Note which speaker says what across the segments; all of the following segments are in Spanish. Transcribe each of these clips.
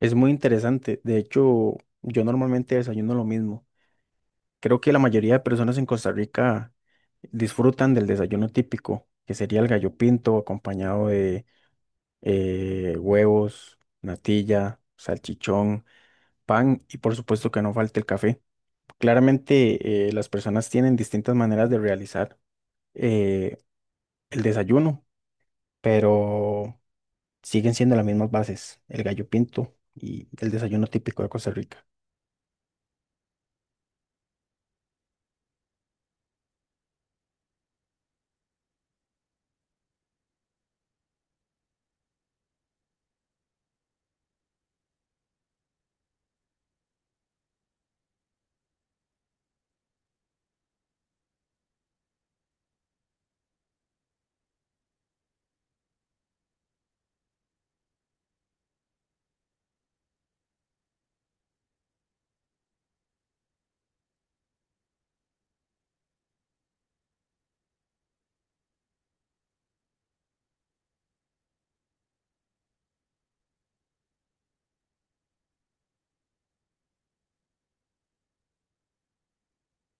Speaker 1: Es muy interesante. De hecho, yo normalmente desayuno lo mismo. Creo que la mayoría de personas en Costa Rica disfrutan del desayuno típico, que sería el gallo pinto acompañado de huevos, natilla, salchichón, pan y por supuesto que no falte el café. Claramente las personas tienen distintas maneras de realizar eh, el desayuno, pero siguen siendo las mismas bases, el gallo pinto y el desayuno típico de Costa Rica.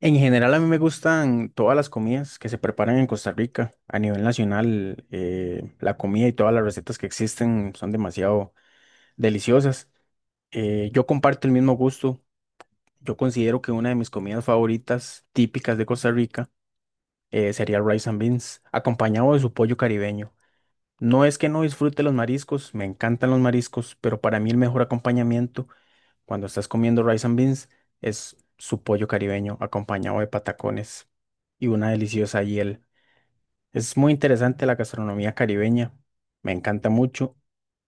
Speaker 1: En general, a mí me gustan todas las comidas que se preparan en Costa Rica a nivel nacional. La comida y todas las recetas que existen son demasiado deliciosas. Yo comparto el mismo gusto. Yo considero que una de mis comidas favoritas típicas de Costa Rica sería el rice and beans, acompañado de su pollo caribeño. No es que no disfrute los mariscos, me encantan los mariscos, pero para mí el mejor acompañamiento cuando estás comiendo rice and beans, es su pollo caribeño acompañado de patacones y una deliciosa hiel. Es muy interesante la gastronomía caribeña, me encanta mucho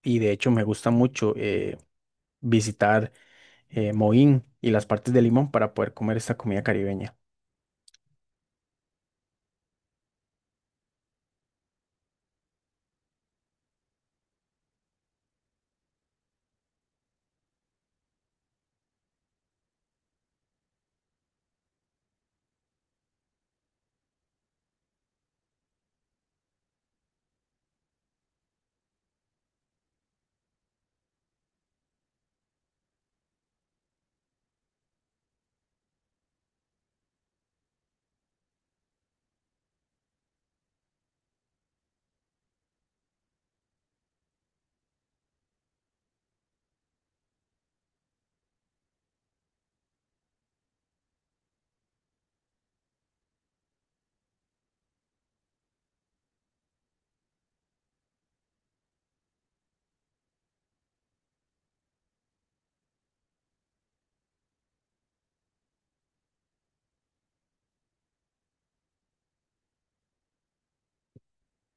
Speaker 1: y de hecho me gusta mucho visitar Moín y las partes de Limón para poder comer esta comida caribeña.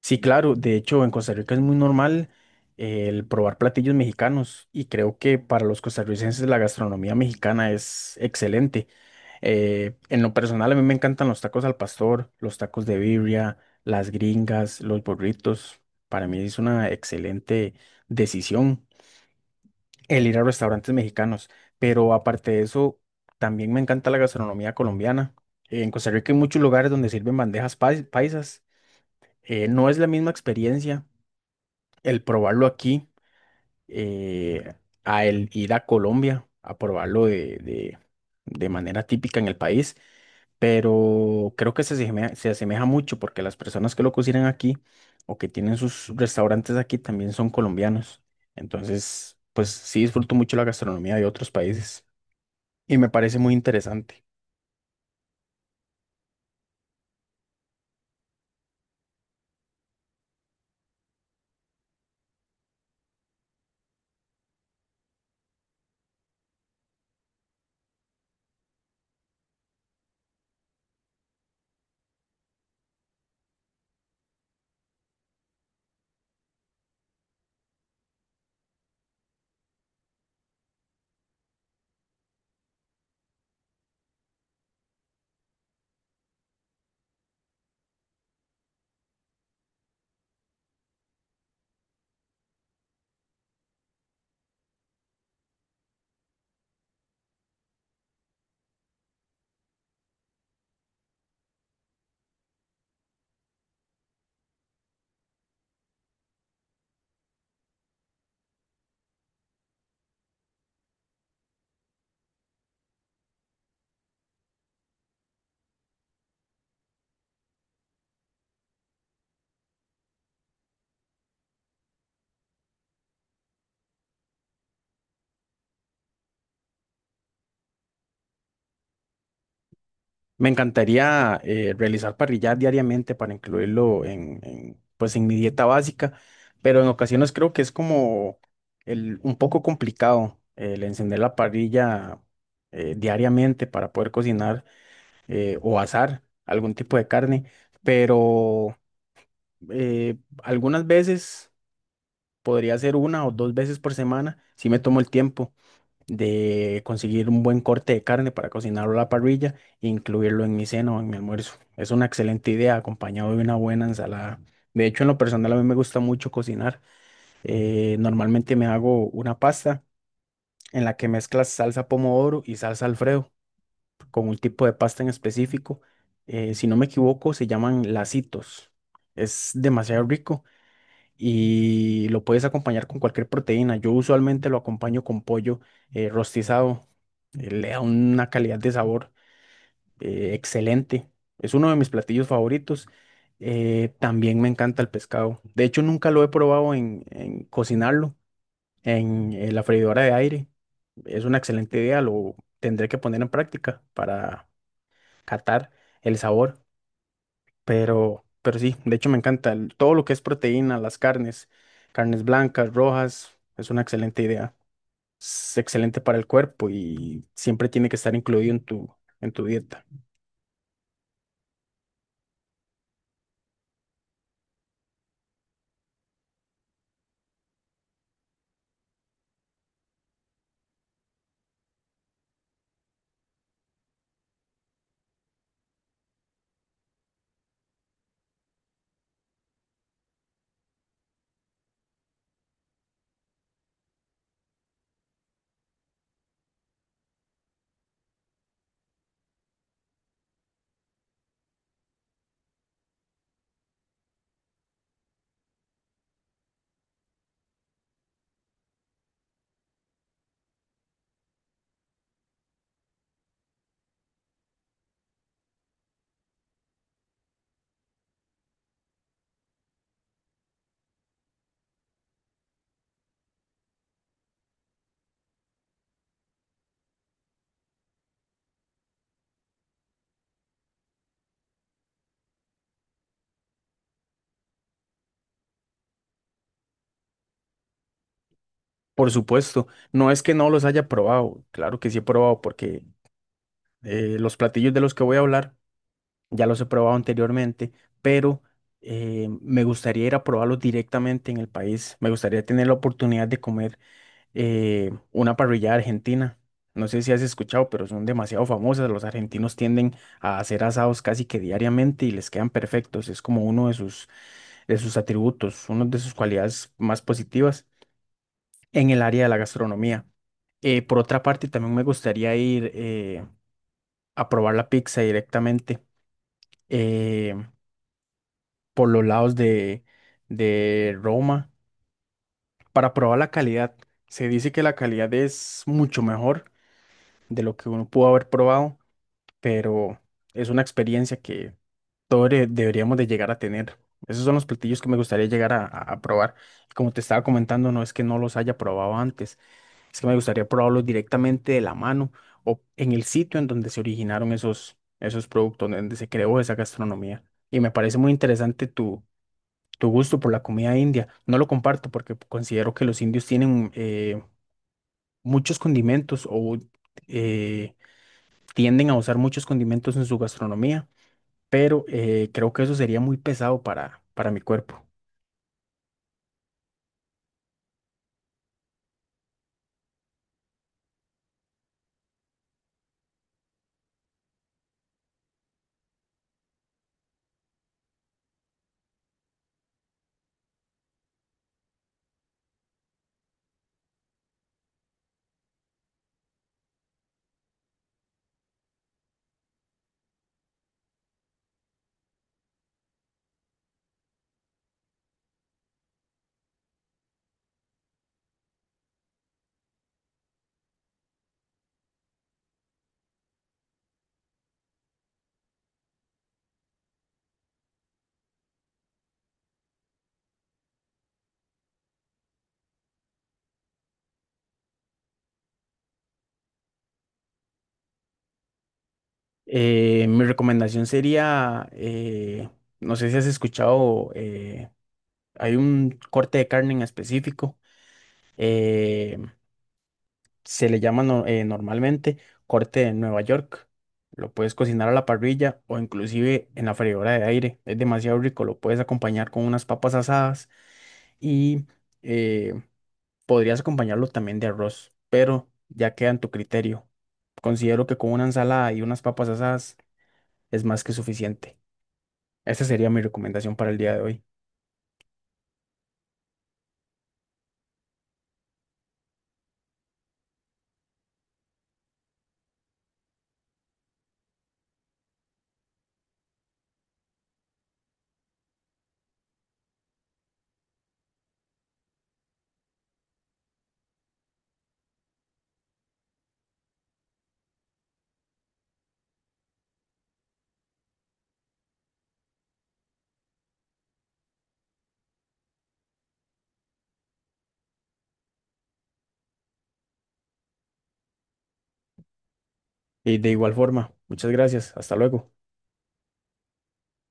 Speaker 1: Sí, claro. De hecho, en Costa Rica es muy normal el probar platillos mexicanos y creo que para los costarricenses la gastronomía mexicana es excelente. En lo personal, a mí me encantan los tacos al pastor, los tacos de birria, las gringas, los burritos. Para mí es una excelente decisión el ir a restaurantes mexicanos. Pero aparte de eso, también me encanta la gastronomía colombiana. En Costa Rica hay muchos lugares donde sirven bandejas paisas. No es la misma experiencia el probarlo aquí, eh, a el ir a Colombia a probarlo de manera típica en el país, pero creo que se asemeja mucho porque las personas que lo cocinan aquí o que tienen sus restaurantes aquí también son colombianos. Entonces, pues sí disfruto mucho la gastronomía de otros países y me parece muy interesante. Me encantaría realizar parrillas diariamente para incluirlo pues en mi dieta básica, pero en ocasiones creo que es como un poco complicado el encender la parrilla diariamente para poder cocinar o asar algún tipo de carne, pero eh, algunas veces podría ser una o dos veces por semana si me tomo el tiempo de conseguir un buen corte de carne para cocinarlo a la parrilla e incluirlo en mi cena o en mi almuerzo. Es una excelente idea, acompañado de una buena ensalada. De hecho, en lo personal a mí me gusta mucho cocinar. Normalmente me hago una pasta en la que mezclas salsa pomodoro y salsa Alfredo con un tipo de pasta en específico. Si no me equivoco, se llaman lacitos. Es demasiado rico y lo puedes acompañar con cualquier proteína. Yo usualmente lo acompaño con pollo rostizado. Le da una calidad de sabor excelente. Es uno de mis platillos favoritos. También me encanta el pescado. De hecho, nunca lo he probado en cocinarlo en, la freidora de aire. Es una excelente idea. Lo tendré que poner en práctica para catar el sabor. Pero sí, de hecho me encanta todo lo que es proteína, las carnes, carnes blancas, rojas, es una excelente idea. Es excelente para el cuerpo y siempre tiene que estar incluido en tu dieta. Por supuesto, no es que no los haya probado, claro que sí he probado porque los platillos de los que voy a hablar ya los he probado anteriormente, pero me gustaría ir a probarlos directamente en el país. Me gustaría tener la oportunidad de comer una parrillada argentina. No sé si has escuchado, pero son demasiado famosas. Los argentinos tienden a hacer asados casi que diariamente y les quedan perfectos. Es como uno de sus atributos, una de sus cualidades más positivas en el área de la gastronomía. Por otra parte, también me gustaría ir a probar la pizza directamente eh, por los lados de Roma para probar la calidad. Se dice que la calidad es mucho mejor de lo que uno pudo haber probado, pero es una experiencia que todos deberíamos de llegar a tener. Esos son los platillos que me gustaría llegar a probar. Como te estaba comentando, no es que no los haya probado antes, es que me gustaría probarlos directamente de la mano o en el sitio en donde se originaron esos, esos productos, donde se creó esa gastronomía. Y me parece muy interesante tu, tu gusto por la comida india. No lo comparto porque considero que los indios tienen muchos condimentos o eh, tienden a usar muchos condimentos en su gastronomía, pero creo que eso sería muy pesado para mi cuerpo. Mi recomendación sería, no sé si has escuchado, hay un corte de carne en específico, eh, se le llama no- normalmente corte de Nueva York. Lo puedes cocinar a la parrilla o inclusive en la freidora de aire. Es demasiado rico, lo puedes acompañar con unas papas asadas y eh, podrías acompañarlo también de arroz, pero ya queda en tu criterio. Considero que con una ensalada y unas papas asadas es más que suficiente. Esta sería mi recomendación para el día de hoy. Y de igual forma, muchas gracias. Hasta luego.